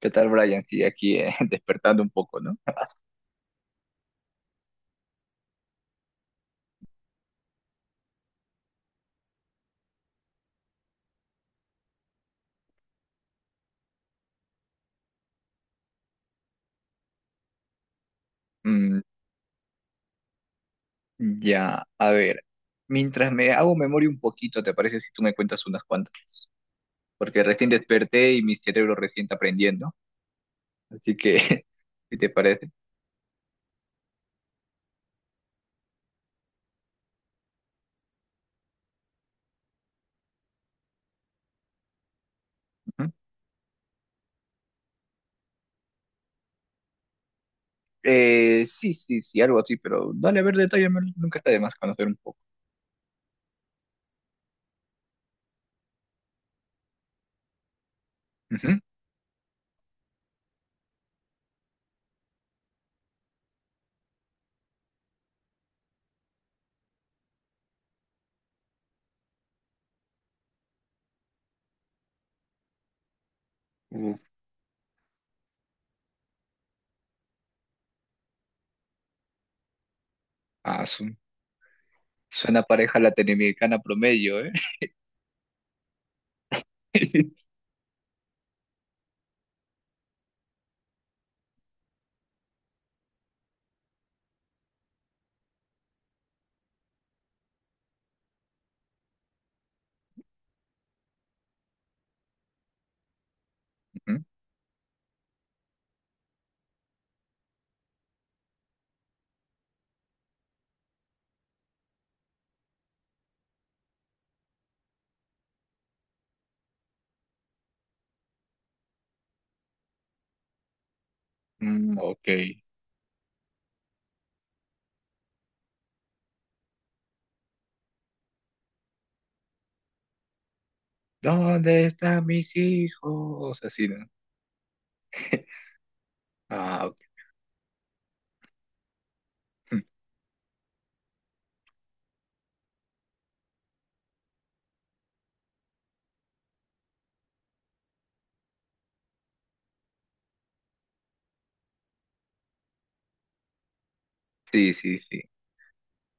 ¿Qué tal, Brian? Sí, aquí despertando un poco, ¿no? Mm, ya, a ver. Mientras me hago memoria un poquito, ¿te parece si tú me cuentas unas cuantas? Porque recién desperté y mi cerebro recién está aprendiendo. Así que, ¿si te parece? Ujú. Sí, sí, sí, algo así, pero dale a ver detalle, nunca está de más conocer un poco. Ujú. Uf, ah, su- suena pareja latinoamericana promedio, ¿eh? Ujú. Mm, ok. ¿Dónde están mis hijos? Así, ¿no? Ah, ok. Sí, sí, sí.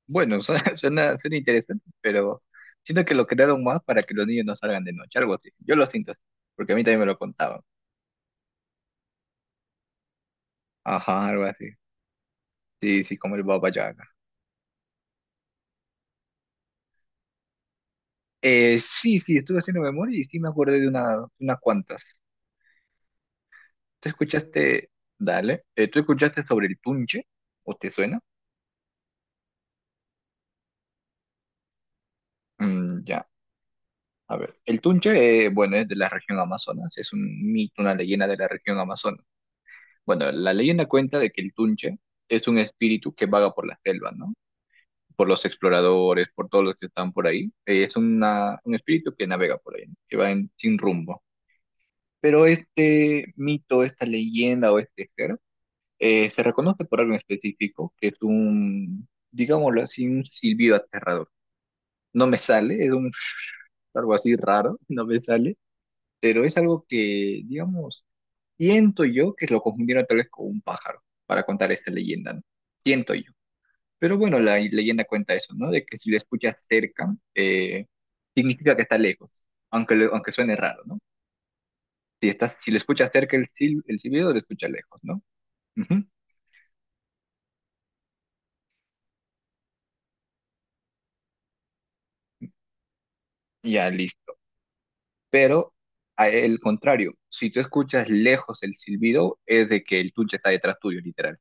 Bueno, suena interesante, pero siento que lo crearon más para que los niños no salgan de noche, algo así. Yo lo siento así, porque a mí también me lo contaban. Ajá, algo así. Sí, sí, como el Baba Yaga. Sí, sí, estuve haciendo memoria y sí me acordé de una, unas cuantas. ¿Tú escuchaste, Tú escuchaste sobre el Tunche? ¿O te suena? Ya, a ver. El Tunche, bueno, es de la región Amazonas, es un mito, una leyenda de la región Amazonas. Bueno, la leyenda cuenta de que el Tunche es un espíritu que vaga por la selva, ¿no? Por los exploradores, por todos los que están por ahí. Es un espíritu que navega por ahí, ¿no?, sin rumbo. Pero este mito, esta leyenda o este ser, se reconoce por algo en específico, que es digámoslo así, un silbido aterrador. No me sale, es un, algo así raro, no me sale, pero es algo que, digamos, siento yo que lo confundieron tal vez con un pájaro para contar esta leyenda, ¿no? Siento yo. Pero bueno, la leyenda cuenta eso, ¿no? De que si lo escuchas cerca, significa que está lejos, aunque suene raro, ¿no? Si lo escuchas cerca el silbido, lo escuchas lejos, ¿no? Ujú. Ya, listo. Pero el contrario, si tú escuchas lejos el silbido, es de que el tunche está detrás tuyo, literal.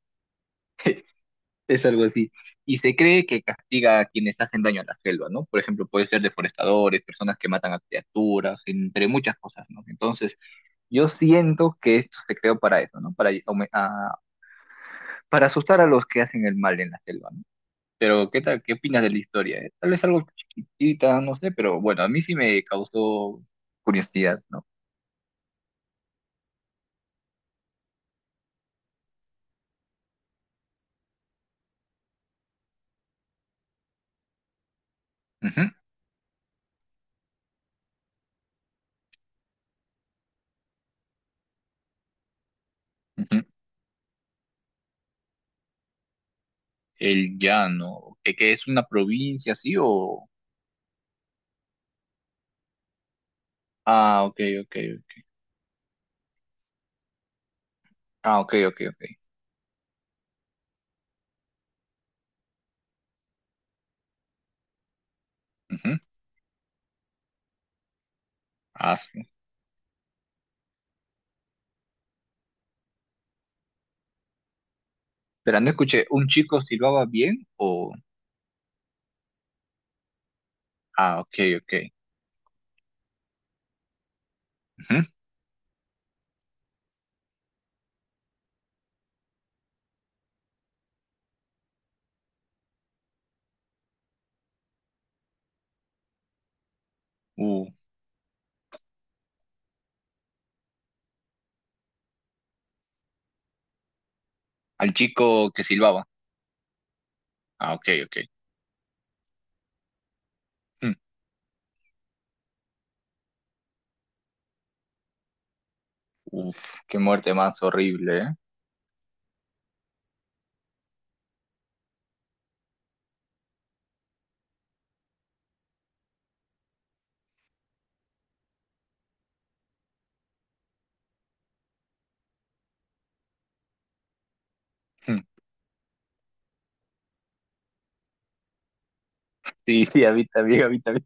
Es algo así. Y se cree que castiga a quienes hacen daño a la selva, ¿no? Por ejemplo, puede ser deforestadores, personas que matan a criaturas, entre muchas cosas, ¿no? Entonces, yo siento que esto se creó para eso, ¿no? Para asustar a los que hacen el mal en la selva, ¿no? Pero, ¿qué tal, qué opinas de la historia?, ¿eh? Tal vez algo chiquitita, no sé, pero bueno, a mí sí me causó curiosidad, ¿no? Ujú, ujú. El llano, ¿qué es una provincia, sí o...? Ah, ok, ok, ok. Ah, ok, ok, ok. Ujú. Ah, sí. Pero no escuché, ¿un chico silbaba bien o...? Ah, ok, ok. Ujú. Uh, al chico que silbaba. Ah, ok, ok. Uf, qué muerte más horrible, ¿eh? Mm. Sí, sí, habita bien, habita bien.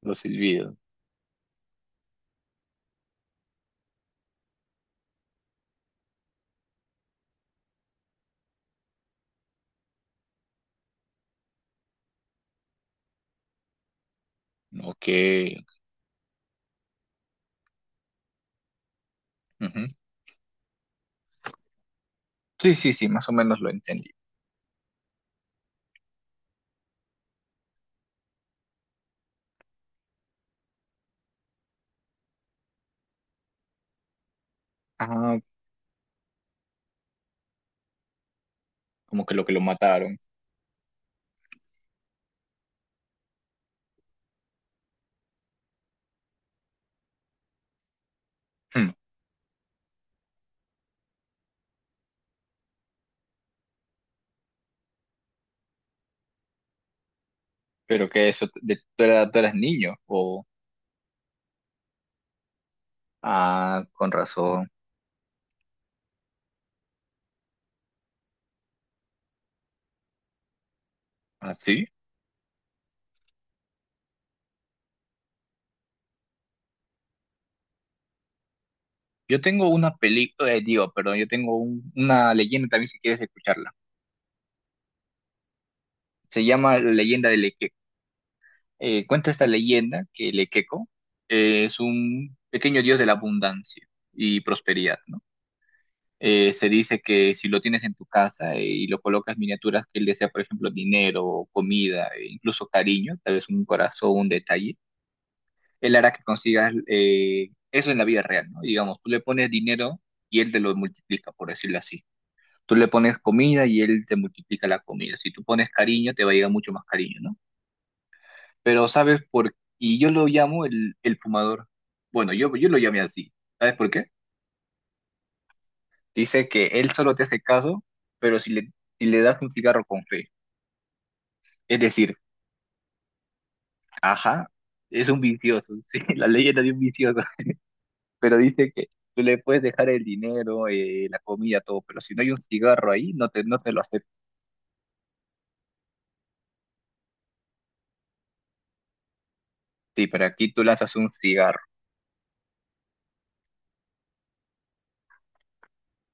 Los silbidos. Ok, ujú. Sí, sí, sí, más o menos lo entendí. Ah, como que lo mataron. Hmm, pero que eso, tú eras niño. O, ah, con razón. ¿Ah, sí? Yo tengo una película, digo, perdón, yo tengo una leyenda también si quieres escucharla. Se llama La leyenda de Lequeco. Cuenta esta leyenda que Lequeco es un pequeño dios de la abundancia y prosperidad, ¿no? Se dice que si lo tienes en tu casa, y lo colocas miniaturas que él desea, por ejemplo, dinero, comida, e incluso cariño, tal vez un corazón, un detalle, él hará que consigas, eso en la vida real, ¿no? Digamos, tú le pones dinero y él te lo multiplica, por decirlo así. Tú le pones comida y él te multiplica la comida. Si tú pones cariño, te va a llegar mucho más cariño, ¿no? Pero ¿sabes por qué? Y yo lo llamo el fumador. Bueno, yo lo llamé así. ¿Sabes por qué? Dice que él solo te hace caso, pero si le das un cigarro con fe. Es decir, ajá, es un vicioso, sí, la leyenda de un vicioso, pero dice que tú le puedes dejar el dinero, la comida, todo, pero si no hay un cigarro ahí, no te lo acepta. Sí, pero aquí tú lanzas un cigarro.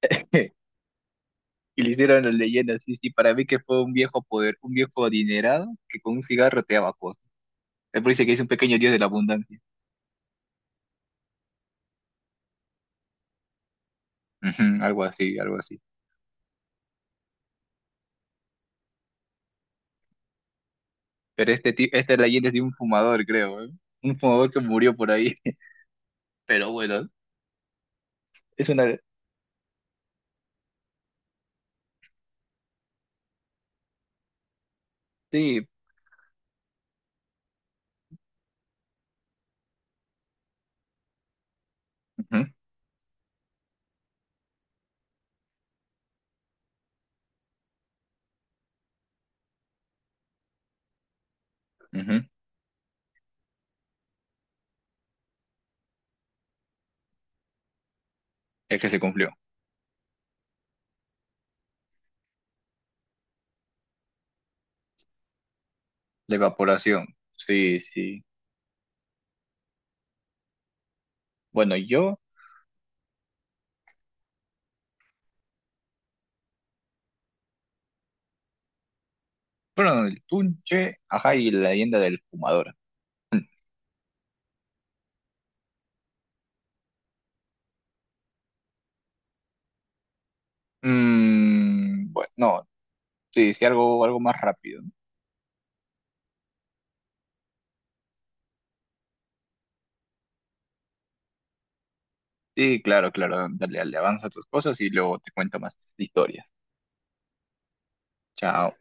Y le hicieron la leyenda, sí, sí, para mí que fue un viejo poder, un viejo adinerado que con un cigarro te daba cosas. Él dice que es un pequeño dios de la abundancia. Ujú, algo así, algo así. Pero esta leyenda es de un fumador, creo, ¿eh? Un fumador que murió por ahí. Pero bueno, es una... Sí, ujú, ujú. Es que se cumplió. La evaporación. Sí, sí. Bueno, yo... Bueno, el Tunche, ajá, y la leyenda del fumador. Mm, bueno, no, sí, sí, algo, algo más rápido, ¿no? Sí, claro, claro, dale, dale, avanza tus cosas y luego te cuento más historias. Chao.